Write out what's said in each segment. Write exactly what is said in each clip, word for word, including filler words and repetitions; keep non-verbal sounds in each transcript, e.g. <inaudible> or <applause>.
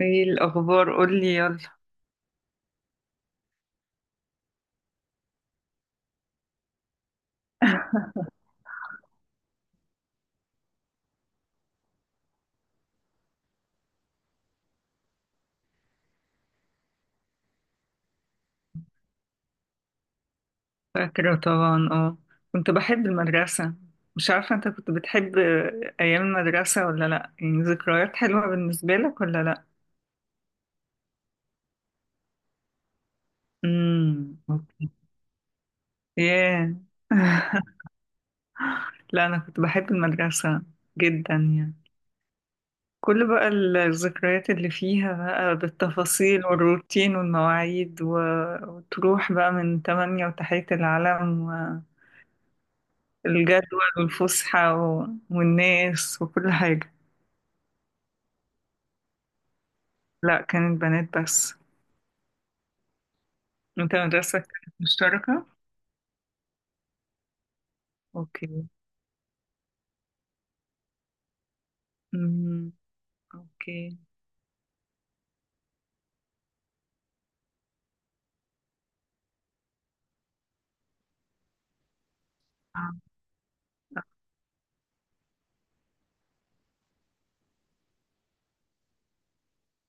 ايه الاخبار؟ قولي يلا. فاكره طبعا، اه. كنت بحب المدرسه. مش عارفه انت كنت بتحب ايام المدرسه ولا لا؟ يعني ذكريات حلوه بالنسبه لك ولا لا؟ امم اوكي. ياه. <laughs> لا، انا كنت بحب المدرسه جدا يعني. كل بقى الذكريات اللي فيها بقى، بالتفاصيل والروتين والمواعيد و... وتروح بقى من تمانية وتحية العلم و... الجدول والفسحة و... والناس وكل حاجة. لا، كانت بنات بس. انت مدرستك كانت مشتركة؟ اوكي. امم اوكي. آه.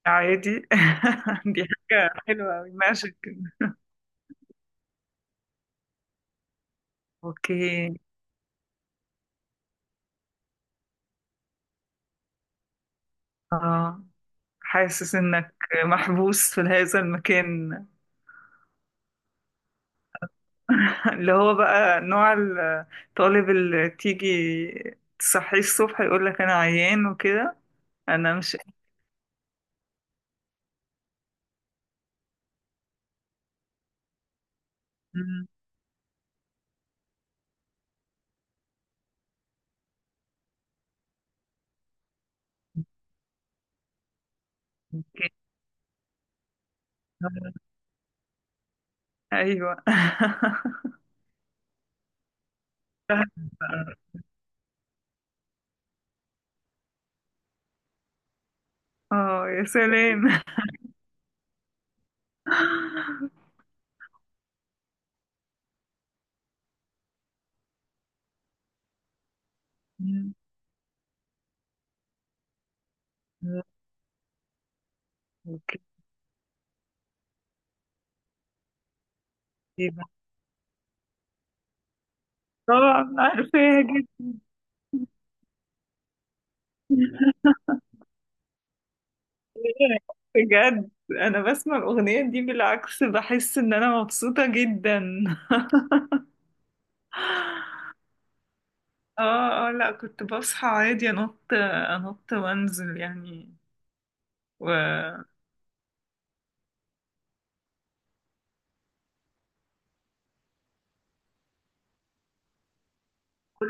عادي. <laughs> دي حاجة حلوة أوي، ماشي كده. اوكي. اه، حاسس انك محبوس في هذا المكان. <laughs> اللي هو بقى نوع الطالب اللي تيجي تصحيه الصبح يقول لك انا عيان وكده. انا مش. مم. اوكي. ايوه. <laughs> اه يا سلام. <laughs> اوكي، بس. طبعا عارفاها جدا. بجد، انا بسمع الاغنيه دي بالعكس بحس ان انا مبسوطه جدا. <laughs> اه اه، لا، كنت بصحى عادي، انط انط وانزل يعني. وكل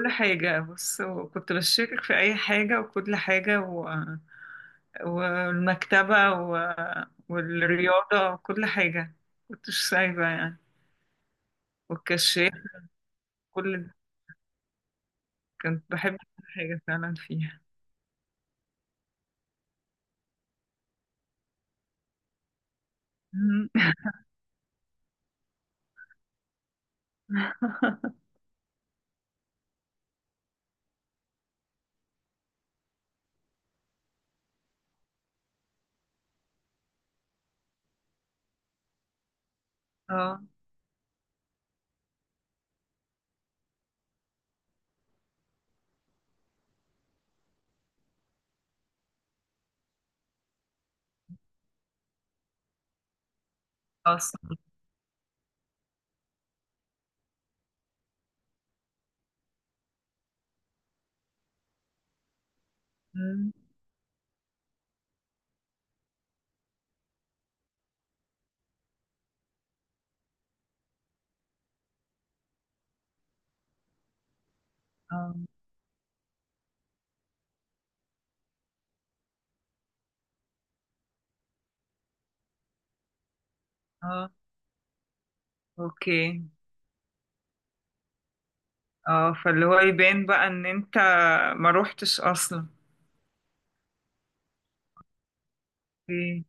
حاجه. بص، وكنت بشارك في اي حاجه وكل حاجه و... والمكتبه و... والرياضه وكل حاجه، كنتش سايبه يعني. والكشاف. كل كنت بحب كل حاجة فعلا فيها. مم. <laughs> اه. اصلا. مم. اه اه. اوكي. اه، فاللي هو يبان بقى ان انت ما روحتش اصلا. اوكي.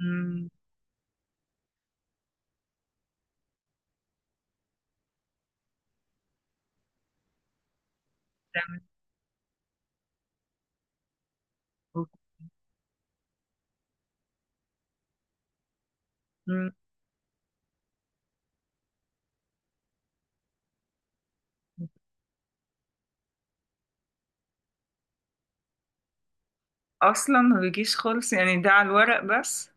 مم. أوك- مم. اصلا ما بيجيش خالص يعني، ده على الورق بس.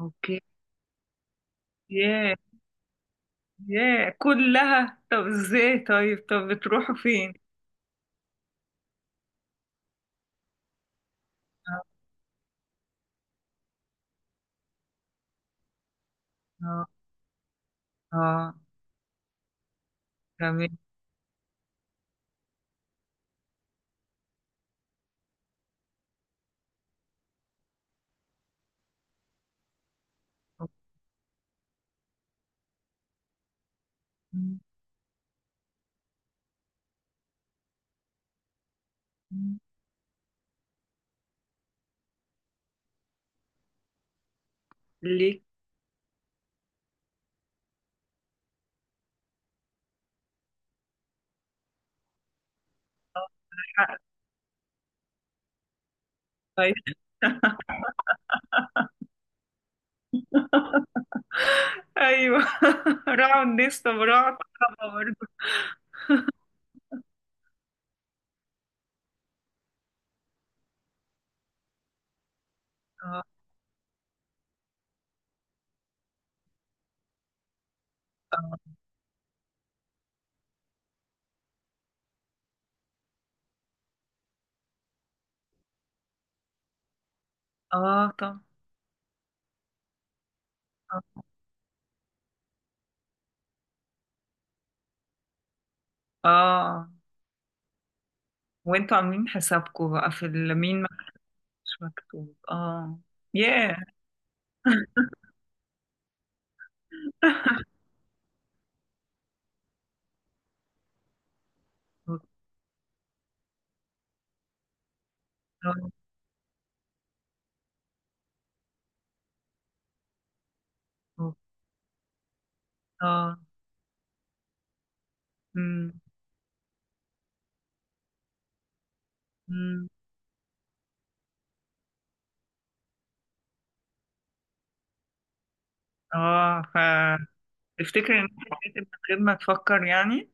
اوكي. ياه. ياه، كلها؟ طب ازاي؟ طيب طب بتروحوا فين؟ اه اه، آه، تمام. أوكي. ليه؟ طيب. ايوه. <laughs> راعوا الناس؟ طب راعوا الكهرباء برضه. اه. آه، طب. اه. آه. وانتوا عاملين حسابكم بقى في ال- مين ما مش مكتوب، اه. ياه. <laughs> اه اه. أمم، أمم. اه، فتفتكر ان إنت حسيت من غير ما تفكر يعني.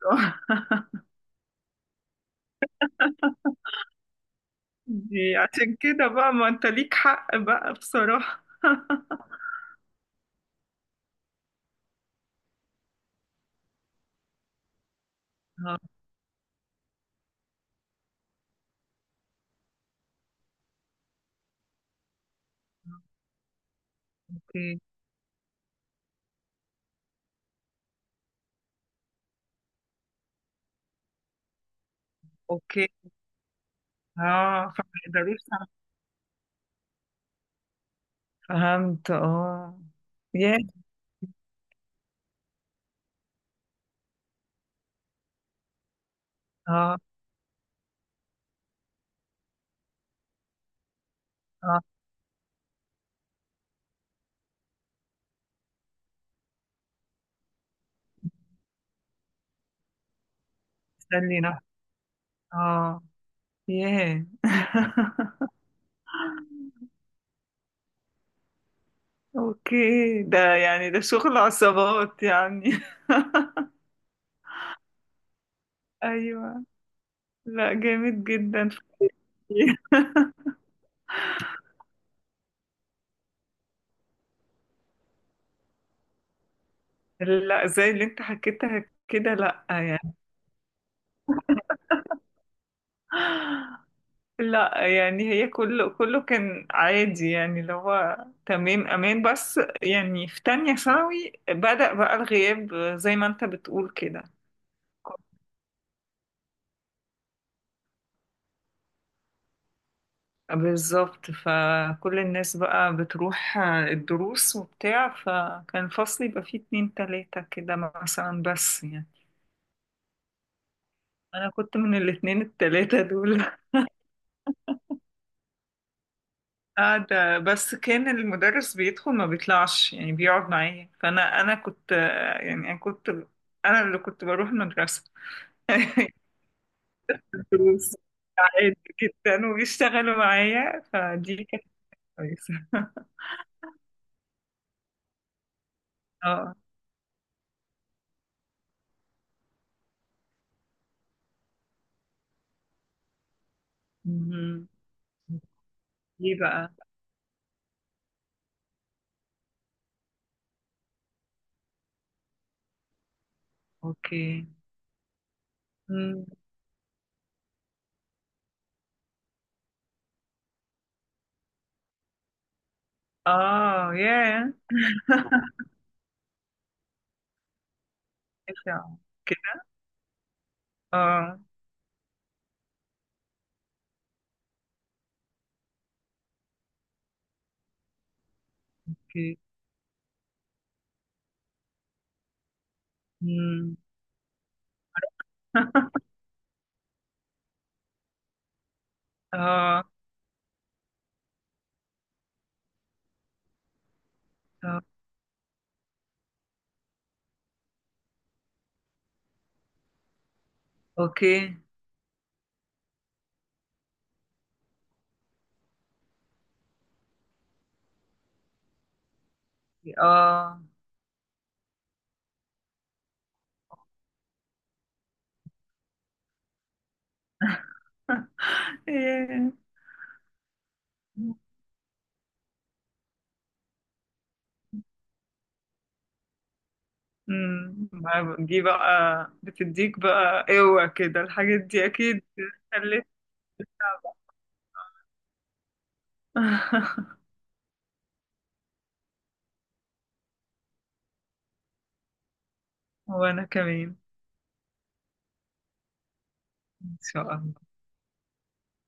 <laughs> دي عشان كده بقى، ما انت ليك حق بقى بصراحة. <laughs> آه. اوكي. اوكي. اه، فما يقدروش. فهمت، اه. يا اه اه. تسلي نفسك. اه. ياه. <laughs> اوكي، ده يعني ده شغل عصابات يعني. <laughs> ايوه. لا، جامد جدا. <laughs> لا، زي اللي انت حكيتها كده، لا يعني. <gasps> لا يعني، هي كله كله كان عادي يعني، اللي هو تمام، امان. بس يعني في تانية ثانوي بدأ بقى الغياب زي ما انت بتقول كده. بالظبط، فكل الناس بقى بتروح، آه، الدروس وبتاع، فكان فصلي يبقى فيه اتنين تلاتة كده مثلا، بس يعني. أنا كنت من الاتنين التلاتة دول. <laughs> قاعدة، بس كان المدرس بيدخل ما بيطلعش يعني، بيقعد معايا. فأنا أنا كنت، آه، يعني أنا كنت أنا اللي كنت بروح المدرسة. <laughs> دروس عادي جدا، وبيشتغلوا معايا، فدي كانت كويسة. <laughs> اه. مهم. دي بقى. اوكي. اه. ياه. <laughs> إشعة. كده. اه. اوكي. مم. <laughs> اه. آه. اوكي. اه. <laughs> ياه. مم. ما دي بقى بتديك بقى قوة كده، الحاجات دي اكيد خلت. <laughs> وانا كمان. ان شاء الله.